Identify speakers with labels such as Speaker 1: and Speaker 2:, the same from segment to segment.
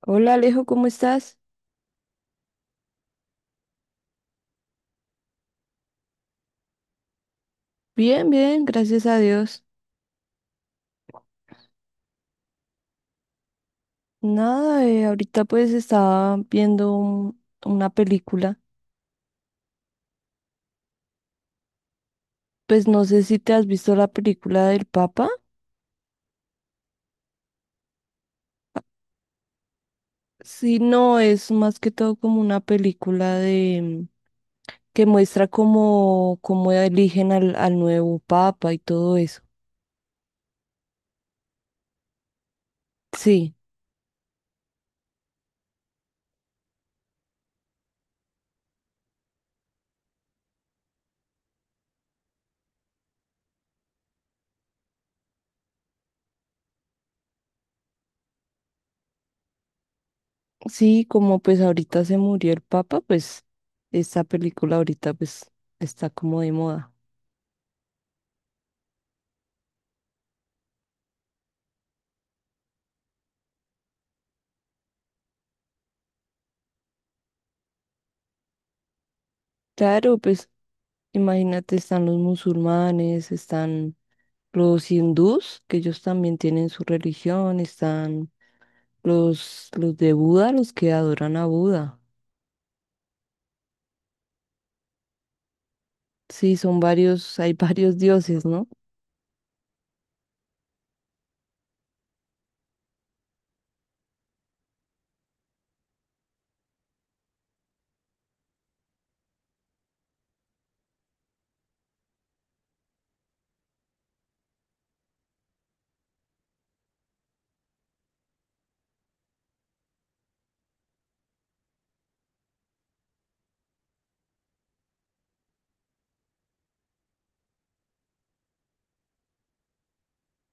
Speaker 1: Hola Alejo, ¿cómo estás? Bien, bien, gracias a Dios. Nada, ahorita pues estaba viendo una película. Pues no sé si te has visto la película del Papa. Sí, no, es más que todo como una película de que muestra cómo, cómo eligen al, al nuevo Papa y todo eso. Sí, sí, como pues ahorita se murió el Papa, pues esta película ahorita pues está como de moda. Claro, pues. Imagínate, están los musulmanes, están los hindús, que ellos también tienen su religión, están los de Buda, los que adoran a Buda. Sí, son varios, hay varios dioses, ¿no?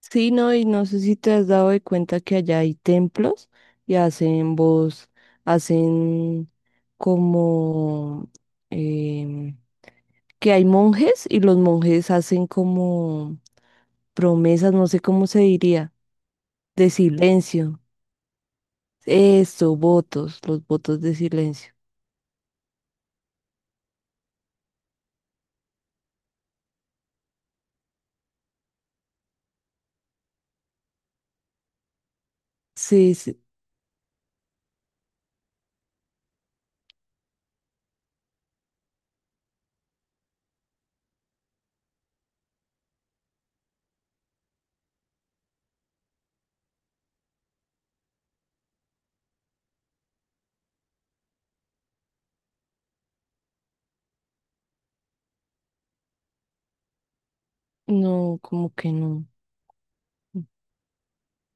Speaker 1: Sí, no, y no sé si te has dado de cuenta que allá hay templos y hacen voz, hacen como em, que hay monjes y los monjes hacen como promesas, no sé cómo se diría, de silencio. Eso, votos, los votos de silencio. Sí, sí, no, como que no.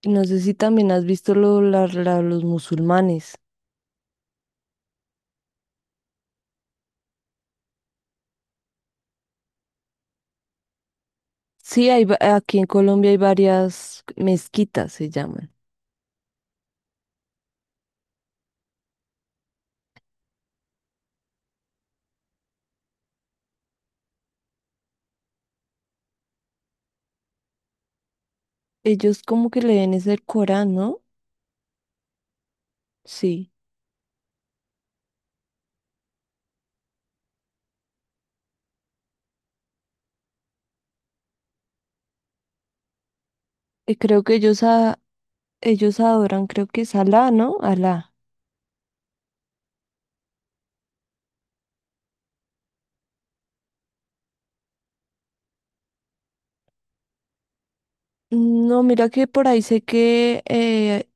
Speaker 1: No sé si también has visto los musulmanes. Sí, hay, va- aquí en Colombia hay varias mezquitas, se llaman. Ellos como que leen es el Corán, ¿no? Sí. Y creo que ellos, a, ellos adoran, creo que es Alá, ¿no? Alá. No, mira que por ahí sé que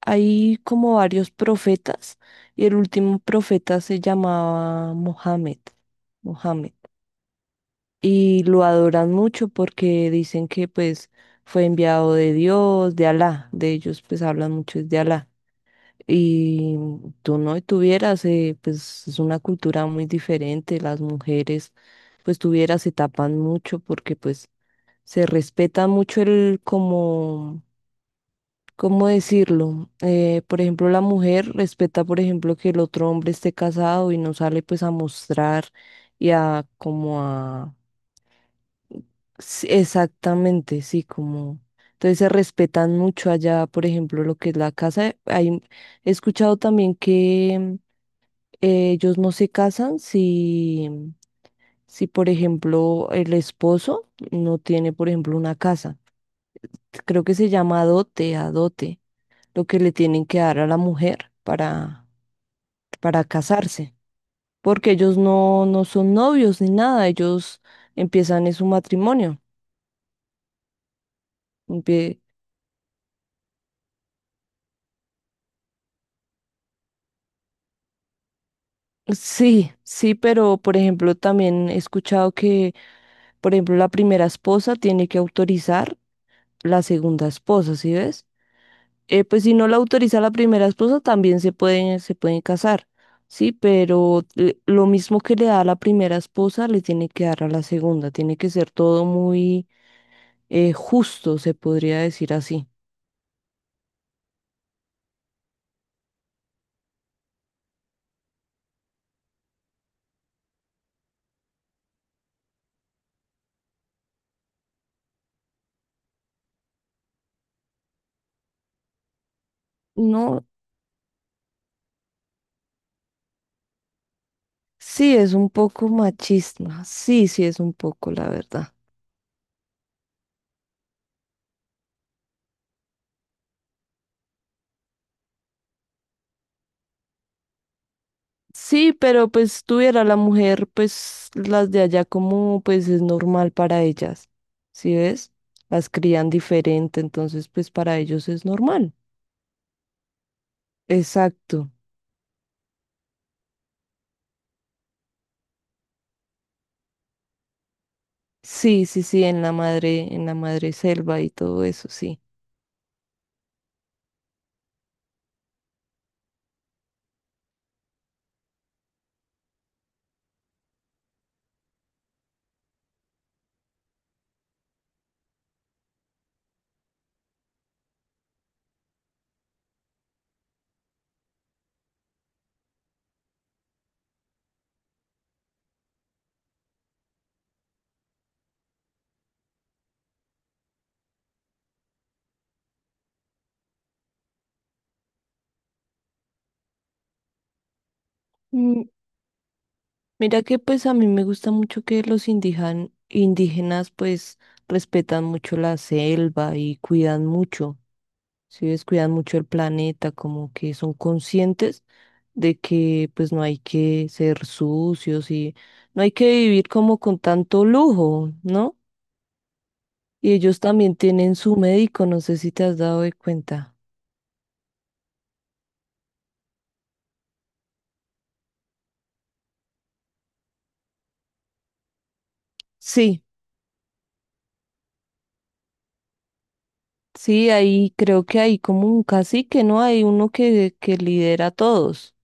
Speaker 1: hay como varios profetas y el último profeta se llamaba Mohammed, Mohammed. Y lo adoran mucho porque dicen que pues fue enviado de Dios, de Alá. De ellos pues hablan mucho es de Alá. Y tú no tuvieras, pues es una cultura muy diferente. Las mujeres pues tuvieras se tapan mucho porque pues se respeta mucho el como ¿cómo decirlo? Por ejemplo, la mujer respeta, por ejemplo, que el otro hombre esté casado y no sale pues a mostrar y a como a... Sí, exactamente, sí, como... Entonces se respetan mucho allá, por ejemplo, lo que es la casa. Hay... He escuchado también que ellos no se casan si, si, por ejemplo, el esposo no tiene, por ejemplo, una casa. Creo que se llama dote, adote, lo que le tienen que dar a la mujer para casarse, porque ellos no, no son novios ni nada, ellos empiezan en su matrimonio. Empie- sí, sí, pero por ejemplo también he escuchado que, por ejemplo, la primera esposa tiene que autorizar la segunda esposa, ¿sí ves? Pues si no la autoriza la primera esposa, también se pueden casar, ¿sí? Pero le- lo mismo que le da a la primera esposa, le tiene que dar a la segunda, tiene que ser todo muy justo, se podría decir así. No, sí es un poco machista, sí, sí es un poco, la verdad. Sí, pero pues tuviera la mujer, pues las de allá como pues es normal para ellas, ¿sí ves? Las crían diferente, entonces pues para ellos es normal. Exacto. Sí, sí, sí, en la madre selva y todo eso, sí. Mira que pues a mí me gusta mucho que los indígenas pues respetan mucho la selva y cuidan mucho, si ves, cuidan mucho el planeta, como que son conscientes de que pues no hay que ser sucios y no hay que vivir como con tanto lujo, ¿no? Y ellos también tienen su médico, no sé si te has dado de cuenta. Sí, sí, ahí creo que hay como un cacique, ¿no? Hay uno que lidera a todos.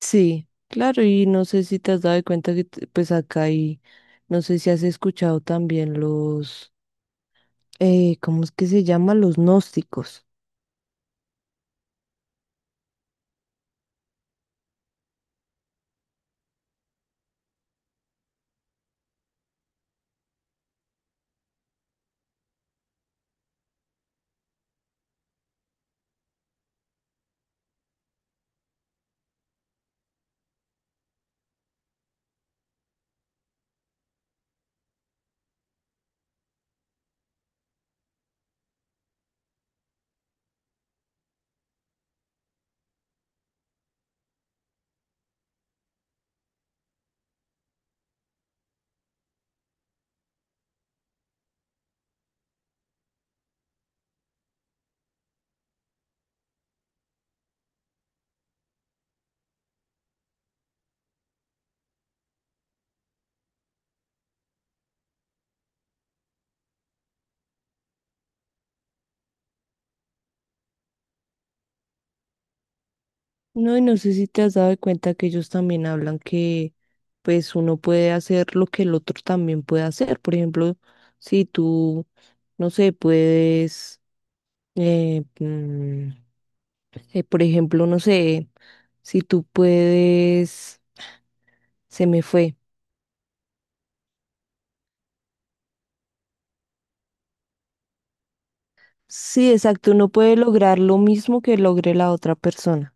Speaker 1: Sí, claro, y no sé si te has dado cuenta que t- pues acá hay, no sé si has escuchado también ¿cómo es que se llama? Los gnósticos. No, y no sé si te has dado cuenta que ellos también hablan que pues uno puede hacer lo que el otro también puede hacer. Por ejemplo, si tú, no sé, puedes, eh, mm, por ejemplo, no sé, si tú puedes, se me fue. Sí, exacto, uno puede lograr lo mismo que logre la otra persona.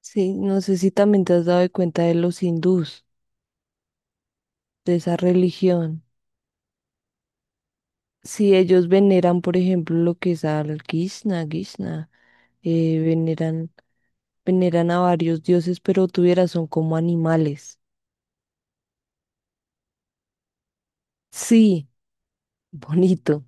Speaker 1: Sí, no sé si también te has dado de cuenta de los hindús, de esa religión. Si ellos veneran, por ejemplo, lo que es al Krishna, Krishna, eh, veneran, veneran a varios dioses, pero tuvieras son como animales. Sí, bonito.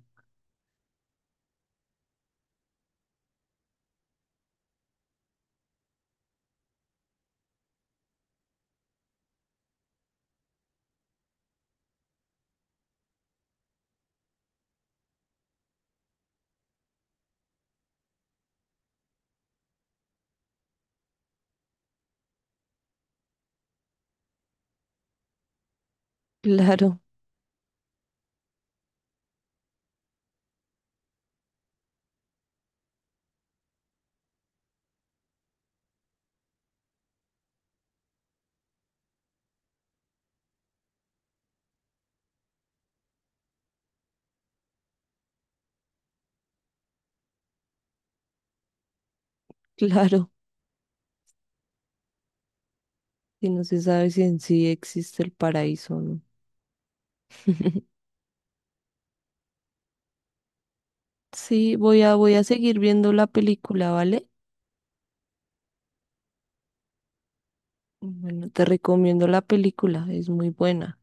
Speaker 1: Claro, claro. Y no se sabe si en sí existe el paraíso o no. Sí, voy a seguir viendo la película, ¿vale? Bueno, te recomiendo la película, es muy buena.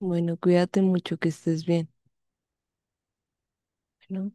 Speaker 1: Bueno, cuídate mucho, que estés bien. Bueno.